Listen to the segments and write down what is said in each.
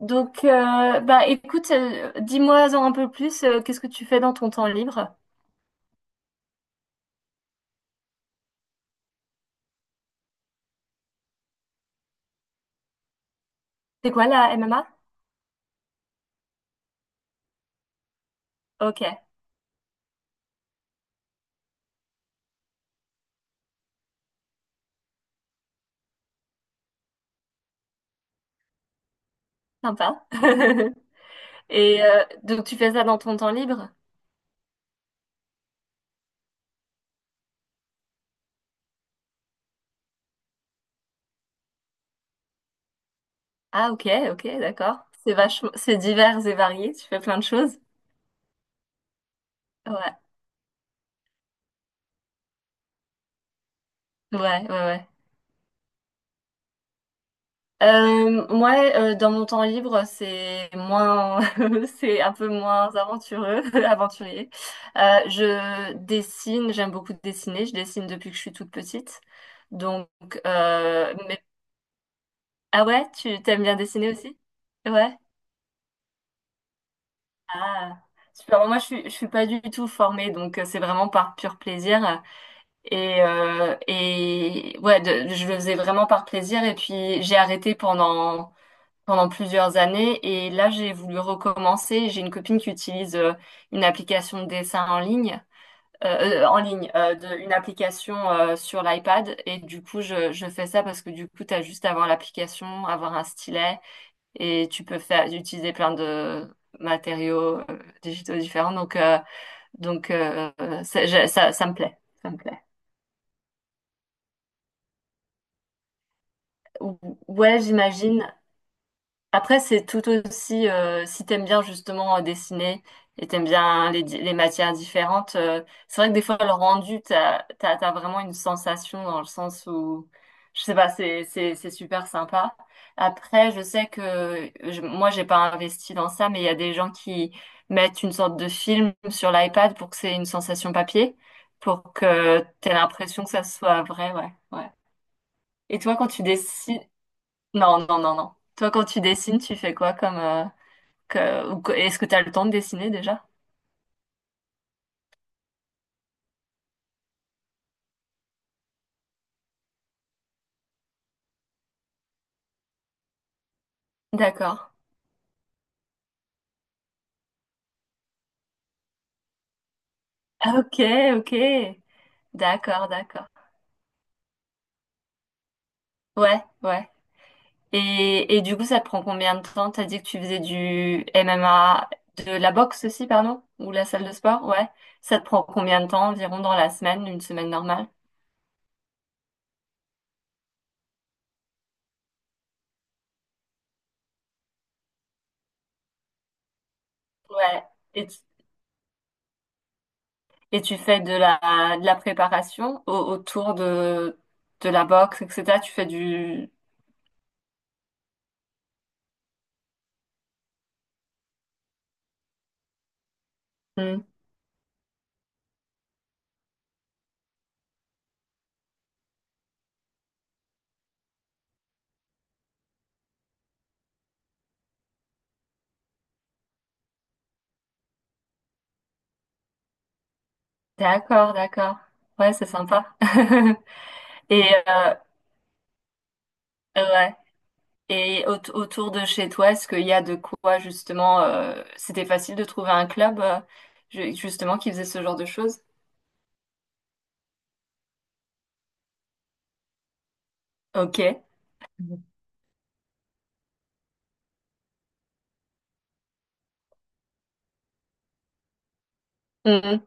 Écoute, dis-moi-en un peu plus. Qu'est-ce que tu fais dans ton temps libre? C'est quoi la MMA? Ok, sympa. Et donc, tu fais ça dans ton temps libre? Ah, ok, ok, d'accord. C'est vachement, c'est divers et varié. Tu fais plein de choses. Ouais, ouais, ouais, ouais. Moi, dans mon temps libre, c'est moins, c'est un peu moins aventureux, aventurier. Je dessine, j'aime beaucoup dessiner. Je dessine depuis que je suis toute petite. Donc, euh, mais- ah ouais, tu t'aimes bien dessiner aussi? Ouais. Ah, super. Moi, je suis pas du tout formée, donc c'est vraiment par pur plaisir. Et ouais, je le faisais vraiment par plaisir. Et puis, j'ai arrêté pendant plusieurs années. Et là, j'ai voulu recommencer. J'ai une copine qui utilise une application de dessin en ligne, une application sur l'iPad. Et du coup, je fais ça parce que du coup, tu as juste à avoir l'application, avoir un stylet et tu peux faire, utiliser plein de matériaux digitaux différents. Donc euh, Ça, ça me plaît. Ça me plaît. Ou- Ouais, j'imagine. Après, c'est tout aussi, si t'aimes bien justement dessiner et t'aimes bien les matières différentes, c'est vrai que des fois, le rendu, t'as vraiment une sensation dans le sens où, je sais pas, c'est super sympa. Après, je sais que moi, j'ai pas investi dans ça, mais il y a des gens qui mettent une sorte de film sur l'iPad pour que c'est une sensation papier, pour que t'aies l'impression que ça soit vrai, ouais, ouais. Et toi, quand tu dessines, non, non, non, non. Toi, quand tu dessines, tu fais quoi comme... Est-ce que tu as le temps de dessiner déjà? D'accord. Ah, ok, ok. D'accord, d'accord. Ouais, ouais. Et du coup, ça te prend combien de temps? T'as dit que tu faisais du MMA, de la boxe aussi, pardon? Ou la salle de sport? Ouais. Ça te prend combien de temps environ dans la semaine, une semaine normale? Ouais. Et tu, et tu fais de la préparation autour de la boxe, etc. Tu fais du... D'accord, d'accord. Ouais, c'est sympa. Et euh, ouais. Et autour de chez toi, est-ce qu'il y a de quoi justement c'était facile de trouver un club justement qui faisait ce genre de choses? Ok. Mhm. Mhm.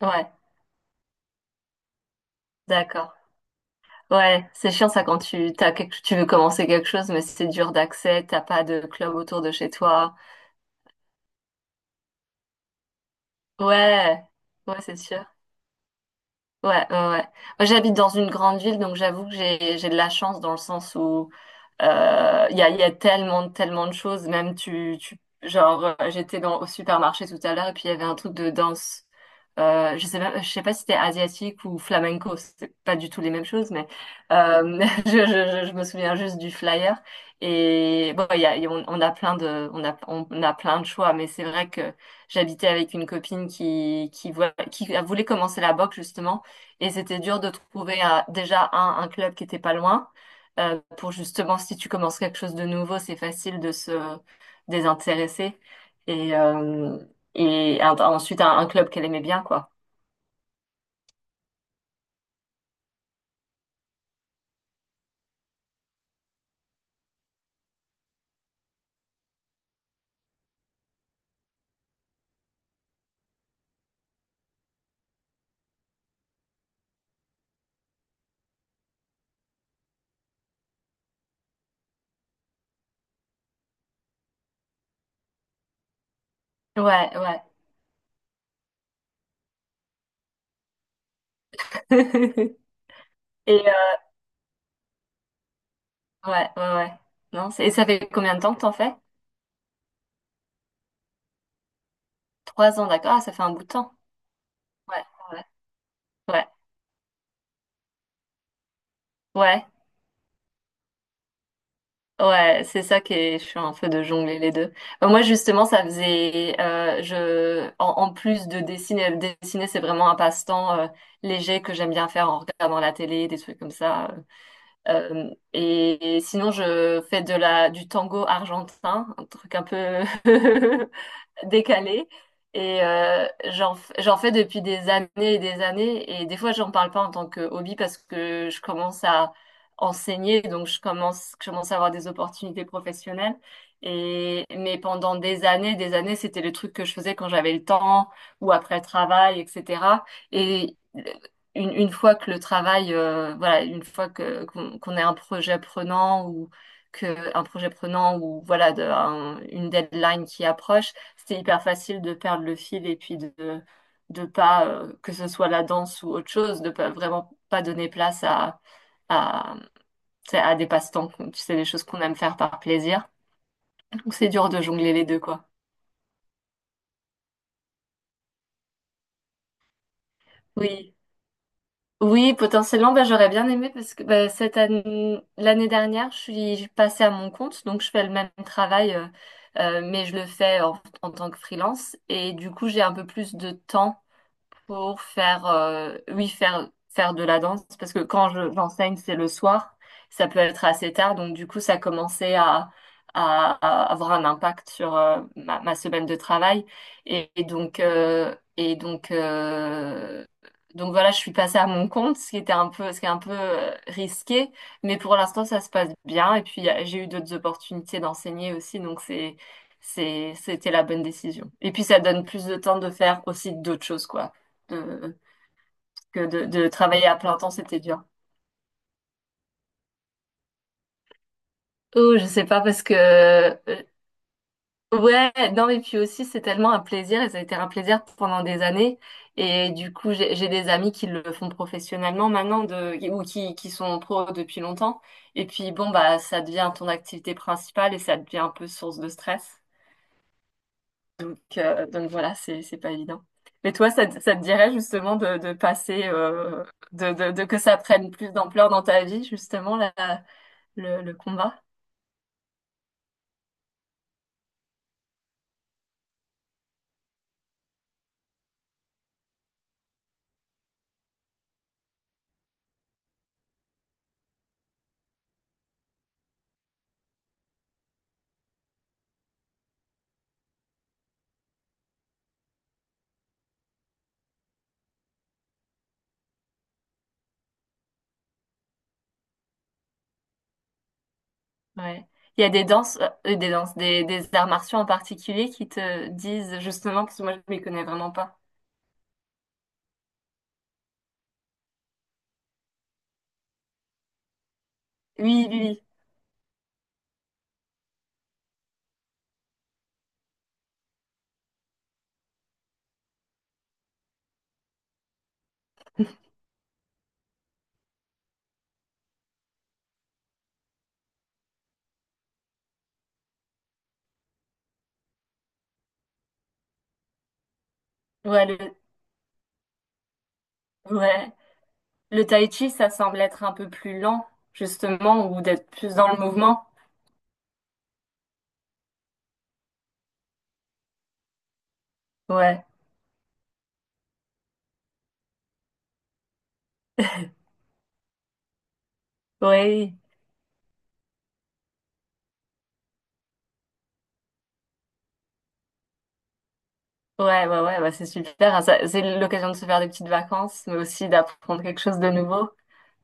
Ouais, d'accord. Ouais, c'est chiant ça quand tu veux commencer quelque chose, mais c'est dur d'accès, t'as pas de club autour de chez toi. Ouais, ouais, c'est sûr. Ouais, ouais, ouais. Moi, j'habite dans une grande ville, donc j'avoue que j'ai de la chance dans le sens où il y a tellement, tellement de choses. Même j'étais dans au supermarché tout à l'heure et puis il y avait un truc de danse. Je sais même, je sais pas si c'était asiatique ou flamenco, c'est pas du tout les mêmes choses, mais euh, je me souviens juste du flyer. Et bon, il y a- on a plein de, on a plein de choix, mais c'est vrai que j'habitais avec une copine qui voulait commencer la boxe justement. Et c'était dur de trouver déjà un club qui était pas loin pour justement, si tu commences quelque chose de nouveau, c'est facile de se désintéresser. Et, ensuite, un club qu'elle aimait bien, quoi. Ouais, ouais. Et ouais, ouais, ouais. Non, c'est- et ça fait combien de temps que t'en fais? Trois ans, d'accord. Ah, ça fait un bout de temps. Ouais, ouais, ouais. Ouais. Ouais, c'est ça qui est chiant un peu de jongler les deux. Moi justement, ça faisait, en plus de dessiner, dessiner c'est vraiment un passe-temps léger que j'aime bien faire en regardant la télé, des trucs comme ça. Et sinon, je fais de la du tango argentin, un truc un peu décalé. Et j'en fais depuis des années et des années. Et des fois, j'en parle pas en tant que hobby parce que je commence à enseigner, donc je commence à avoir des opportunités professionnelles. Et, mais pendant des années, c'était le truc que je faisais quand j'avais le temps ou après le travail, etc. Et une fois que le travail, voilà, une fois que qu'on ait un projet prenant ou que un projet prenant ou voilà une deadline qui approche c'était hyper facile de perdre le fil et puis de pas que ce soit la danse ou autre chose, de pas vraiment pas donner place à tu sais, à des passe-temps, tu sais, des choses qu'on aime faire par plaisir. Donc c'est dur de jongler les deux quoi. Oui. Oui, potentiellement, bah, j'aurais bien aimé parce que bah, cette année, l'année dernière, je suis passée à mon compte, donc je fais le même travail, mais je le fais en, en tant que freelance. Et du coup, j'ai un peu plus de temps pour faire, oui, faire, faire de la danse, parce que quand j'enseigne, c'est le soir, ça peut être assez tard, donc du coup, ça commençait à avoir un impact sur ma semaine de travail. Et, et donc, euh, et donc, euh, donc voilà, je suis passée à mon compte, ce qui est un peu risqué, mais pour l'instant, ça se passe bien. Et puis, j'ai eu d'autres opportunités d'enseigner aussi, donc c'était la bonne décision. Et puis, ça donne plus de temps de faire aussi d'autres choses, quoi de, que de travailler à plein temps, c'était dur. Oh, je sais pas parce que ouais, non mais puis aussi c'est tellement un plaisir et ça a été un plaisir pendant des années et du coup j'ai des amis qui le font professionnellement maintenant de ou qui sont pro depuis longtemps et puis bon bah ça devient ton activité principale et ça devient un peu source de stress. Donc voilà, c'est pas évident. Mais toi ça te dirait justement de passer de que ça prenne plus d'ampleur dans ta vie justement là le combat. Ouais. Il y a des danses, des arts martiaux en particulier qui te disent justement, parce que moi je m'y connais vraiment pas. Oui, oui, oui. ouais, le, ouais. Le tai chi, ça semble être un peu plus lent, justement, ou d'être plus dans le mouvement. Ouais, oui. Oui. Ouais, ouais, ouais, bah c'est super. Hein, ça- c'est l'occasion de se faire des petites vacances, mais aussi d'apprendre quelque chose de nouveau.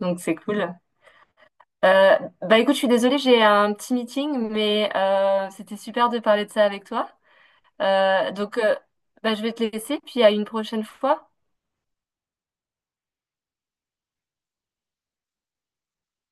Donc c'est cool. Bah écoute, je suis désolée, j'ai un petit meeting, mais c'était super de parler de ça avec toi. Euh, donc, euh, bah, je vais te laisser, puis à une prochaine fois.